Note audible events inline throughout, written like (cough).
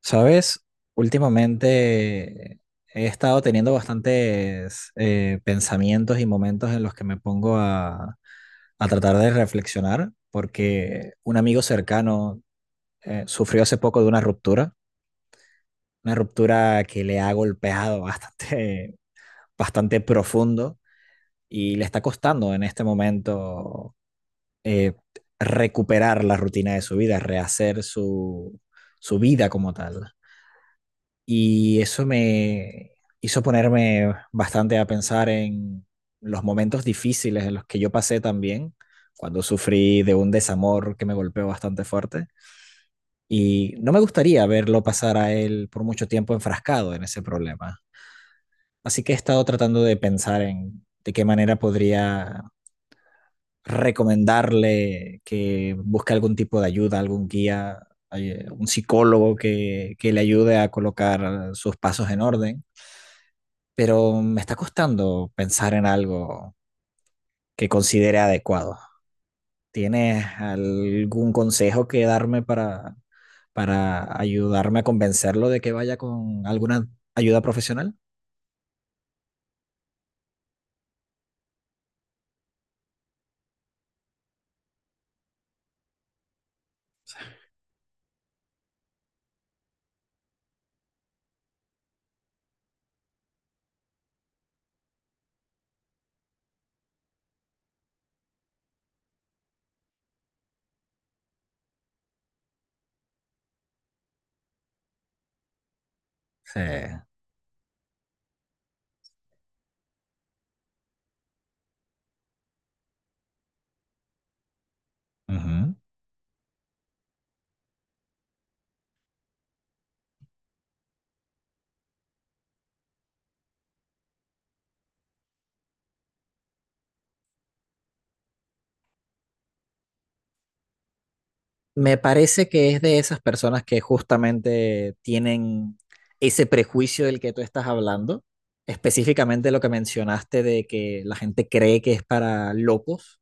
Sabes, últimamente he estado teniendo bastantes pensamientos y momentos en los que me pongo a tratar de reflexionar, porque un amigo cercano sufrió hace poco de una ruptura que le ha golpeado bastante, (laughs) bastante profundo y le está costando en este momento eh, recuperar la rutina de su vida, rehacer su vida como tal. Y eso me hizo ponerme bastante a pensar en los momentos difíciles en los que yo pasé también, cuando sufrí de un desamor que me golpeó bastante fuerte. Y no me gustaría verlo pasar a él por mucho tiempo enfrascado en ese problema. Así que he estado tratando de pensar en de qué manera podría recomendarle que busque algún tipo de ayuda, algún guía, un psicólogo que le ayude a colocar sus pasos en orden, pero me está costando pensar en algo que considere adecuado. ¿Tienes algún consejo que darme para ayudarme a convencerlo de que vaya con alguna ayuda profesional? Sí. Ujú. Me parece que es de esas personas que justamente tienen ese prejuicio del que tú estás hablando, específicamente lo que mencionaste de que la gente cree que es para locos,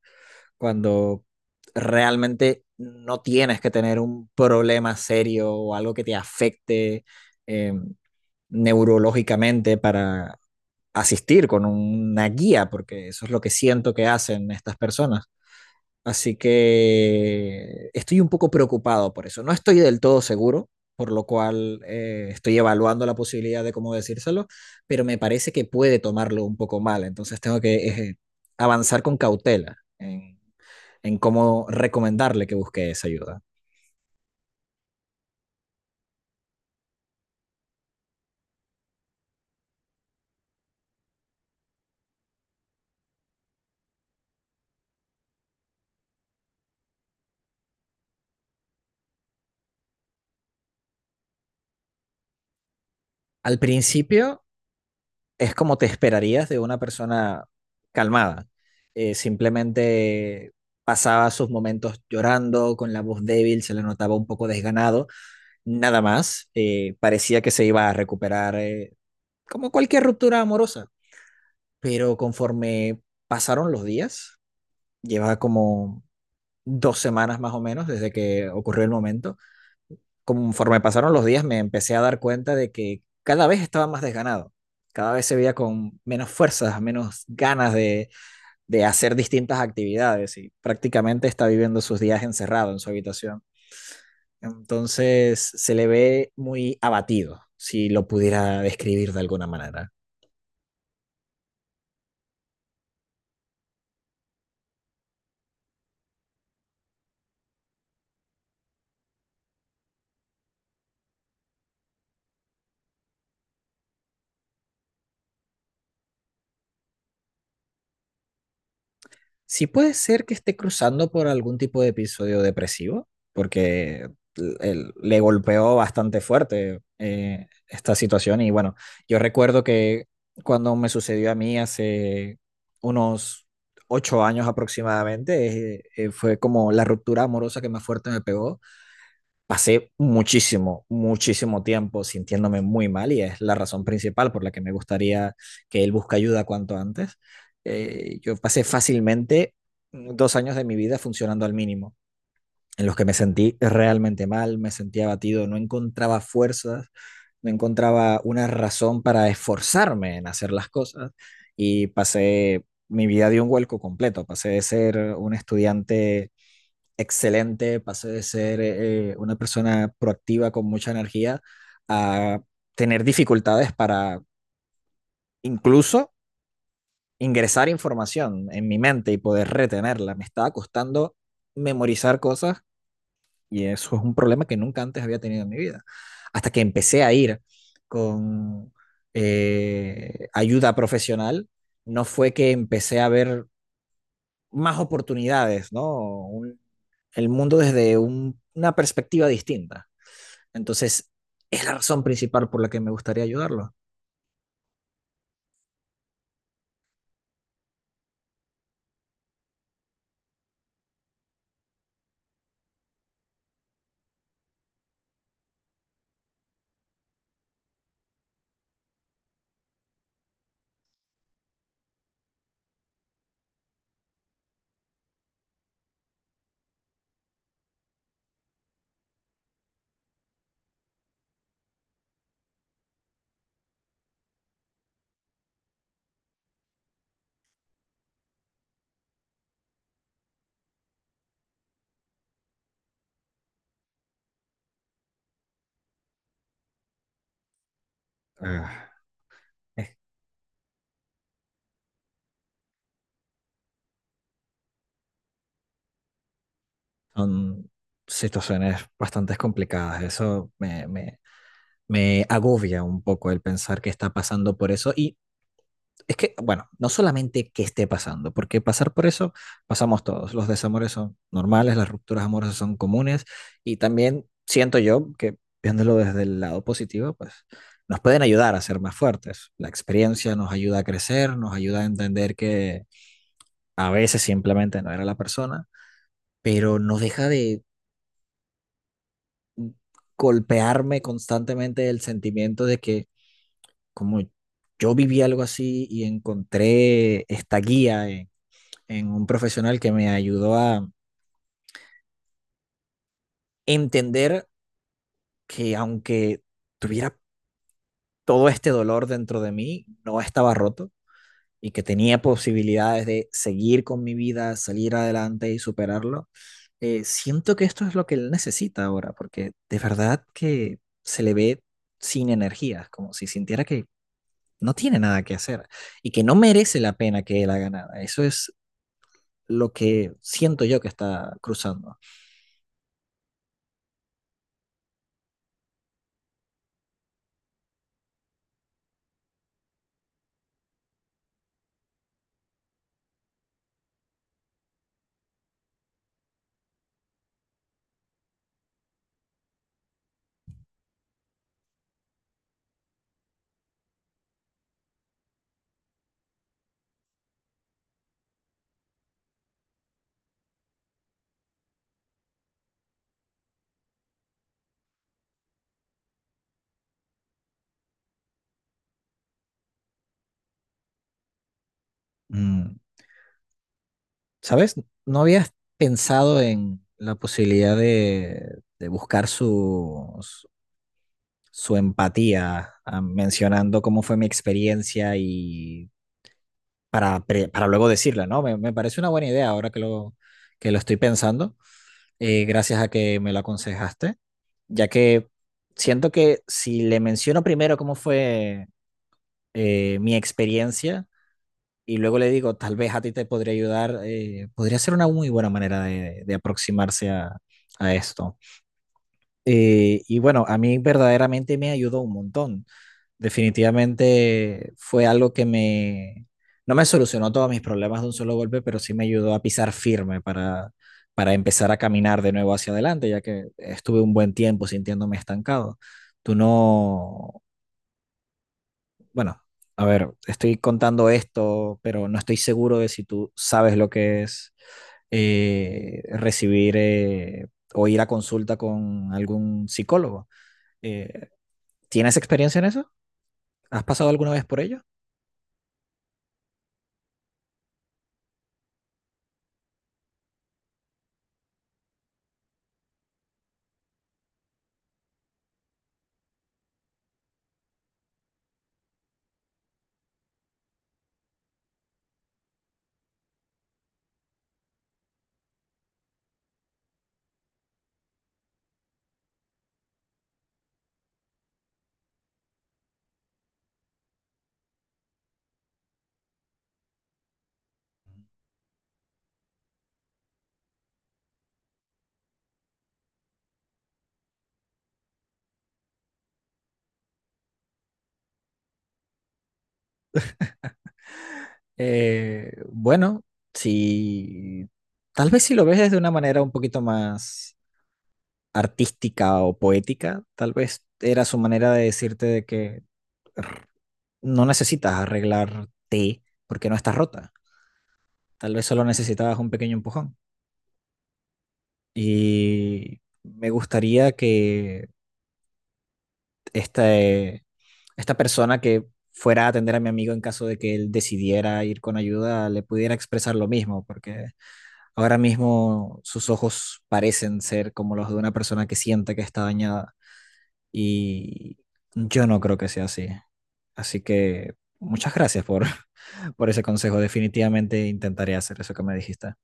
cuando realmente no tienes que tener un problema serio o algo que te afecte eh, neurológicamente para asistir con una guía, porque eso es lo que siento que hacen estas personas. Así que estoy un poco preocupado por eso. No estoy del todo seguro, por lo cual estoy evaluando la posibilidad de cómo decírselo, pero me parece que puede tomarlo un poco mal. Entonces tengo que avanzar con cautela en cómo recomendarle que busque esa ayuda. Al principio es como te esperarías de una persona calmada. Simplemente pasaba sus momentos llorando, con la voz débil, se le notaba un poco desganado nada más. Parecía que se iba a recuperar, como cualquier ruptura amorosa, pero conforme pasaron los días, lleva como 2 semanas más o menos desde que ocurrió el momento, conforme pasaron los días me empecé a dar cuenta de que cada vez estaba más desganado, cada vez se veía con menos fuerzas, menos ganas de hacer distintas actividades y prácticamente está viviendo sus días encerrado en su habitación. Entonces se le ve muy abatido, si lo pudiera describir de alguna manera. Sí, puede ser que esté cruzando por algún tipo de episodio depresivo, porque le golpeó bastante fuerte, esta situación y bueno, yo recuerdo que cuando me sucedió a mí hace unos 8 años aproximadamente, fue como la ruptura amorosa que más fuerte me pegó. Pasé muchísimo, muchísimo tiempo sintiéndome muy mal y es la razón principal por la que me gustaría que él busque ayuda cuanto antes. Yo pasé fácilmente 2 años de mi vida funcionando al mínimo, en los que me sentí realmente mal, me sentía abatido, no encontraba fuerzas, no encontraba una razón para esforzarme en hacer las cosas y pasé mi vida de un vuelco completo, pasé de ser un estudiante excelente, pasé de ser una persona proactiva con mucha energía a tener dificultades para incluso ingresar información en mi mente y poder retenerla. Me estaba costando memorizar cosas y eso es un problema que nunca antes había tenido en mi vida. Hasta que empecé a ir con ayuda profesional, no fue que empecé a ver más oportunidades, ¿no? Un- el mundo desde una perspectiva distinta. Entonces, es la razón principal por la que me gustaría ayudarlo. Ah, eh, son situaciones bastante complicadas. Eso me agobia un poco el pensar que está pasando por eso. Y es que, bueno, no solamente que esté pasando, porque pasar por eso pasamos todos. Los desamores son normales, las rupturas amorosas son comunes y también siento yo que viéndolo desde el lado positivo, pues nos pueden ayudar a ser más fuertes. La experiencia nos ayuda a crecer, nos ayuda a entender que a veces simplemente no era la persona, pero no deja de golpearme constantemente el sentimiento de que, como yo viví algo así y encontré esta guía en un profesional que me ayudó a entender que, aunque tuviera todo este dolor dentro de mí, no estaba roto y que tenía posibilidades de seguir con mi vida, salir adelante y superarlo, siento que esto es lo que él necesita ahora, porque de verdad que se le ve sin energías, como si sintiera que no tiene nada que hacer y que no merece la pena que él haga nada. Eso es lo que siento yo que está cruzando. Mm. ¿Sabes? No habías pensado en la posibilidad de buscar su empatía, ah, mencionando cómo fue mi experiencia y para luego decirla, ¿no? Me parece una buena idea ahora que que lo estoy pensando, gracias a que me lo aconsejaste, ya que siento que si le menciono primero cómo fue mi experiencia y luego le digo, tal vez a ti te podría ayudar, podría ser una muy buena manera de aproximarse a esto. Y bueno, a mí verdaderamente me ayudó un montón. Definitivamente fue algo que no me solucionó todos mis problemas de un solo golpe, pero sí me ayudó a pisar firme para empezar a caminar de nuevo hacia adelante, ya que estuve un buen tiempo sintiéndome estancado. Tú no, Bueno, a ver, estoy contando esto, pero no estoy seguro de si tú sabes lo que es recibir, o ir a consulta con algún psicólogo. Eh, ¿Tienes experiencia en eso? ¿Has pasado alguna vez por ello? Bueno, si tal vez si lo ves desde una manera un poquito más artística o poética, tal vez era su manera de decirte de que no necesitas arreglarte porque no estás rota. Tal vez solo necesitabas un pequeño empujón. Y me gustaría que este, esta persona que fuera a atender a mi amigo, en caso de que él decidiera ir con ayuda, le pudiera expresar lo mismo, porque ahora mismo sus ojos parecen ser como los de una persona que siente que está dañada y yo no creo que sea así. Así que muchas gracias (laughs) por ese consejo. Definitivamente intentaré hacer eso que me dijiste.